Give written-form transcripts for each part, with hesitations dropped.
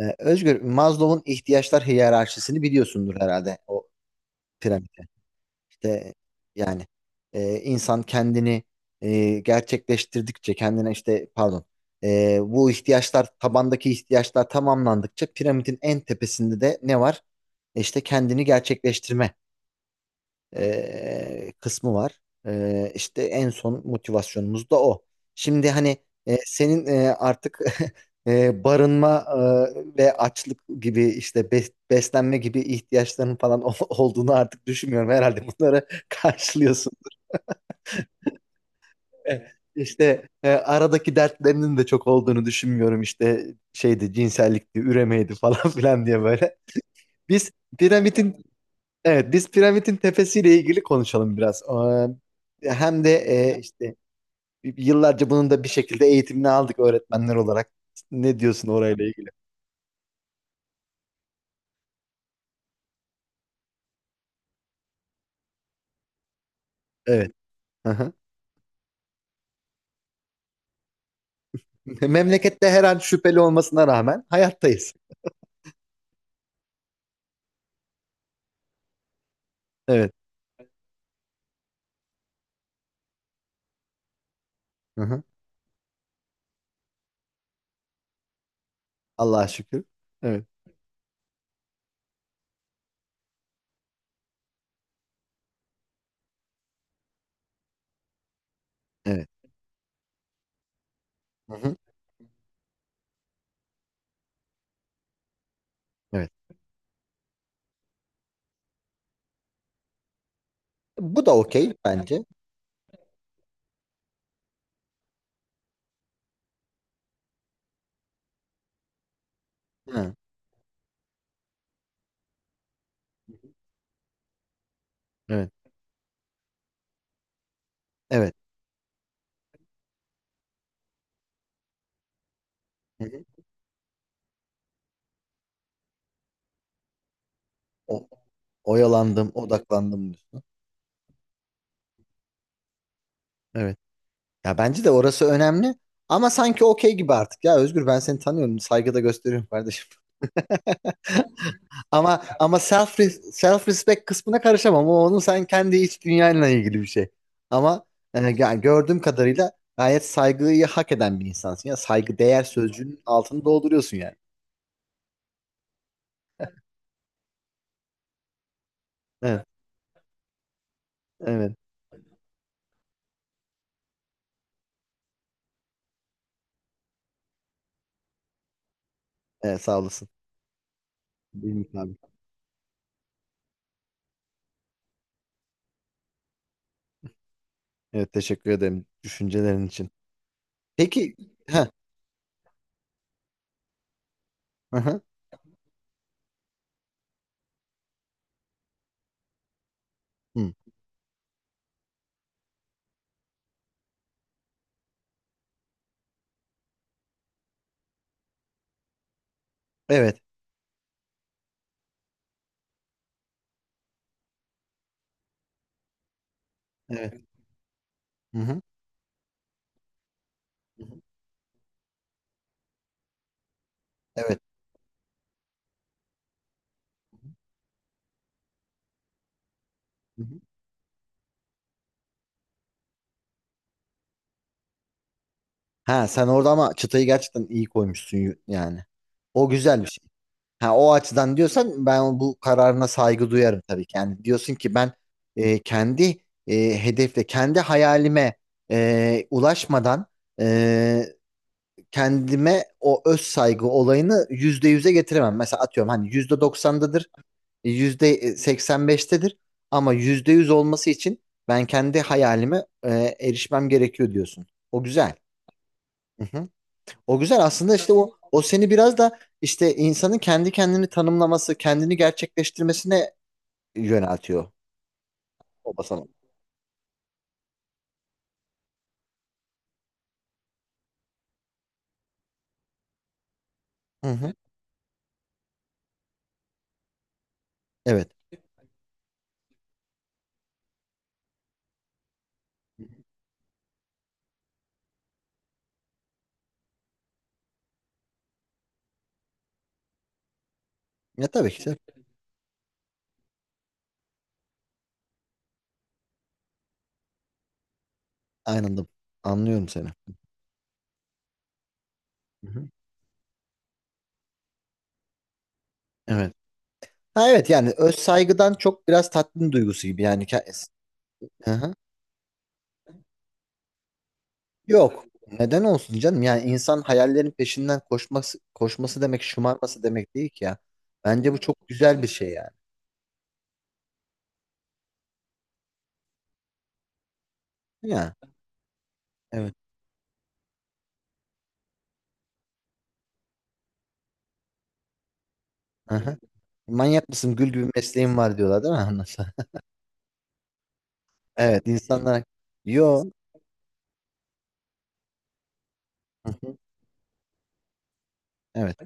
Özgür, Maslow'un ihtiyaçlar hiyerarşisini biliyorsundur herhalde o piramide. İşte yani, insan kendini gerçekleştirdikçe kendine işte pardon, e, bu ihtiyaçlar tabandaki ihtiyaçlar tamamlandıkça piramidin en tepesinde de ne var? İşte kendini gerçekleştirme kısmı var. İşte en son motivasyonumuz da o. Şimdi hani, senin artık barınma ve açlık gibi işte beslenme gibi ihtiyaçların falan olduğunu artık düşünmüyorum. Herhalde bunları karşılıyorsun. E, İşte aradaki dertlerinin de çok olduğunu düşünmüyorum. İşte şeydi, cinsellikti, üremeydi falan filan diye böyle. Biz piramidin Evet, biz piramidin tepesiyle ilgili konuşalım biraz. Hem de işte yıllarca bunun da bir şekilde eğitimini aldık öğretmenler olarak. Ne diyorsun orayla ilgili? Evet. Hı-hı. Memlekette her an şüpheli olmasına rağmen hayattayız. Evet. Hı-hı. Allah'a şükür. Evet. Evet. Hı-hı. Evet. Bu da okey bence. Ha. Evet. Evet. Hı-hı. O, oyalandım, odaklandım diyorsun. Evet. Ya bence de orası önemli. Ama sanki okey gibi artık, ya Özgür, ben seni tanıyorum, saygıda gösteriyorum kardeşim. Ama self respect kısmına karışamam. O, onun sen kendi iç dünyanla ilgili bir şey. Ama yani gördüğüm kadarıyla gayet saygıyı hak eden bir insansın ya. Saygı değer sözcüğünün altını dolduruyorsun yani. Evet, evet, evet, sağ olasın. Benim abi. Evet, teşekkür ederim düşüncelerin için. Peki. Ha. Hı hı. Hı. Evet, evet. Hı hı. Hı hı. Evet. Hı hı. Ha, sen orada ama çıtayı gerçekten iyi koymuşsun yani. O güzel bir şey. Ha, o açıdan diyorsan ben bu kararına saygı duyarım tabii ki. Yani diyorsun ki ben kendi kendi hayalime ulaşmadan e, kendime o öz saygı olayını %100'e getiremem. Mesela atıyorum hani %90'dadır, yüzde seksen beştedir ama %100 olması için ben kendi hayalime erişmem gerekiyor diyorsun. O güzel. O güzel aslında, işte o seni biraz da işte insanın kendi kendini tanımlaması, kendini gerçekleştirmesine yöneltiyor o basamak. Hı hı. Evet. Ya tabii ki. Anladım. Anlıyorum seni. Hı hı. Evet. Ha, evet, yani öz saygıdan çok biraz tatmin duygusu gibi yani. Hı hı. Yok. Neden olsun canım? Yani insan hayallerin peşinden koşması demek, şımarması demek değil ki ya. Bence bu çok güzel bir şey yani. Ya. Evet. Hı hı. Manyak mısın? Gül gibi mesleğin var, diyorlar değil mi? Anlasın. Evet, insanlar, yo. Hı hı. Evet,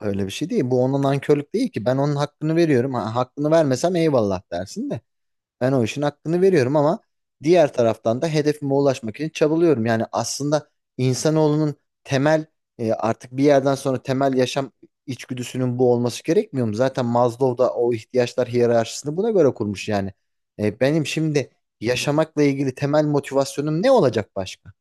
öyle bir şey değil. Bu onun nankörlük değil ki. Ben onun hakkını veriyorum. Ha, hakkını vermesem eyvallah dersin de. Ben o işin hakkını veriyorum, ama diğer taraftan da hedefime ulaşmak için çabalıyorum. Yani aslında insanoğlunun temel artık bir yerden sonra temel yaşam içgüdüsünün bu olması gerekmiyor mu? Zaten Maslow da o ihtiyaçlar hiyerarşisini buna göre kurmuş yani. Benim şimdi yaşamakla ilgili temel motivasyonum ne olacak başka?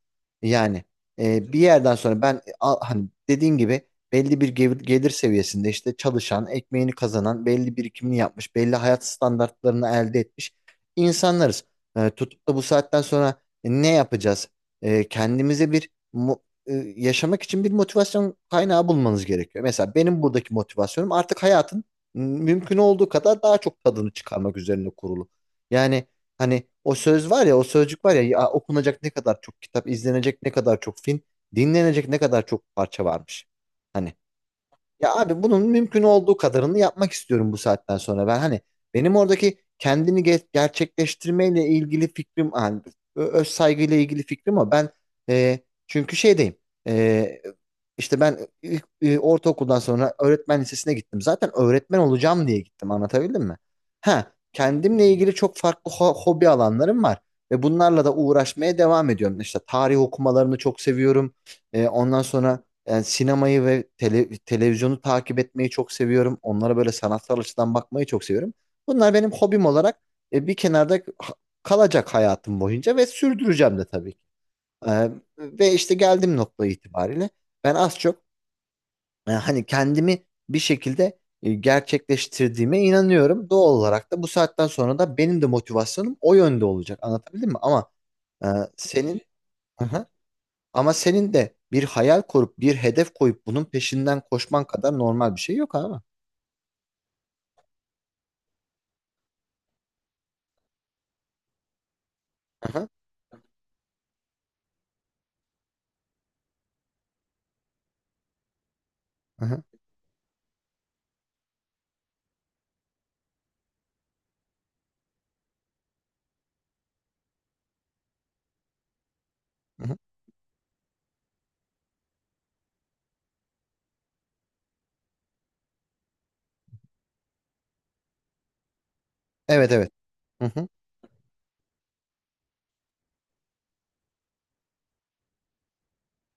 Yani bir yerden sonra ben, hani dediğin gibi, belli bir gelir seviyesinde işte çalışan, ekmeğini kazanan, belli birikimini yapmış, belli hayat standartlarını elde etmiş insanlarız. Tutup da bu saatten sonra ne yapacağız? Kendimize yaşamak için bir motivasyon kaynağı bulmanız gerekiyor. Mesela benim buradaki motivasyonum artık hayatın mümkün olduğu kadar daha çok tadını çıkarmak üzerine kurulu. Yani, hani o söz var ya, o sözcük var ya, ya okunacak ne kadar çok kitap, izlenecek ne kadar çok film, dinlenecek ne kadar çok parça varmış. Hani ya abi, bunun mümkün olduğu kadarını yapmak istiyorum bu saatten sonra. Ben hani, benim oradaki kendini gerçekleştirmeyle ilgili fikrim, hani öz saygıyla ilgili fikrim o. Ben, e, çünkü şeydeyim. E, işte ben ortaokuldan sonra öğretmen lisesine gittim. Zaten öğretmen olacağım diye gittim. Anlatabildim mi? Ha, kendimle ilgili çok farklı hobi alanlarım var ve bunlarla da uğraşmaya devam ediyorum. İşte tarih okumalarını çok seviyorum. Ondan sonra yani sinemayı ve televizyonu takip etmeyi çok seviyorum. Onlara böyle sanatsal açıdan bakmayı çok seviyorum. Bunlar benim hobim olarak bir kenarda kalacak hayatım boyunca ve sürdüreceğim de tabii ki. E, ve işte geldiğim nokta itibariyle ben az çok, hani kendimi bir şekilde gerçekleştirdiğime inanıyorum. Doğal olarak da bu saatten sonra da benim de motivasyonum o yönde olacak. Anlatabildim mi? E, senin... Ama senin de bir hayal kurup bir hedef koyup bunun peşinden koşman kadar normal bir şey yok abi. Aha, aha, aha. Evet, evet. Hı hı.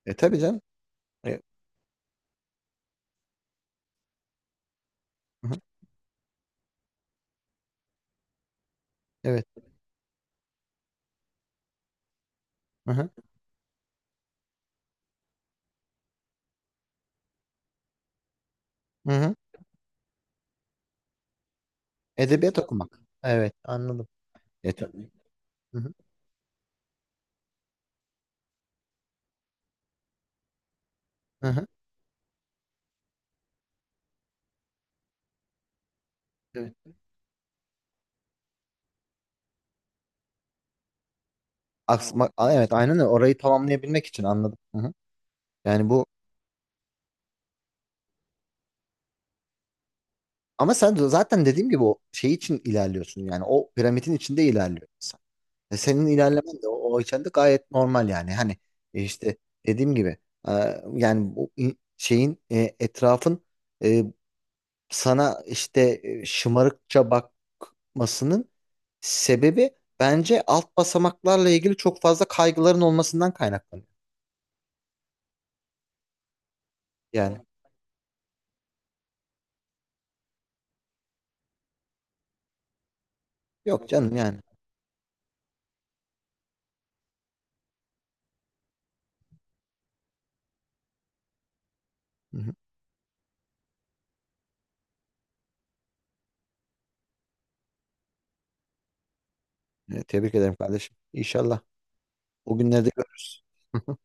E, tabii canım. E, hı hı. Evet. Hı hı. Hı hı. Edebiyat okumak. Evet, anladım. E, tabii. Hı hı, hı hı. Evet. Aksma, evet, aynen öyle. Orayı tamamlayabilmek için anladım. Hı hı. Yani, ama sen de zaten dediğim gibi o şey için ilerliyorsun. Yani o piramidin içinde ilerliyorsun. Senin ilerlemen de o içeride gayet normal yani. Hani işte dediğim gibi e, yani bu şeyin, etrafın e, sana işte şımarıkça bakmasının sebebi, bence alt basamaklarla ilgili çok fazla kaygıların olmasından kaynaklanıyor. Yani yok canım yani. Hı hı. Tebrik ederim kardeşim. İnşallah o günleri de görürüz.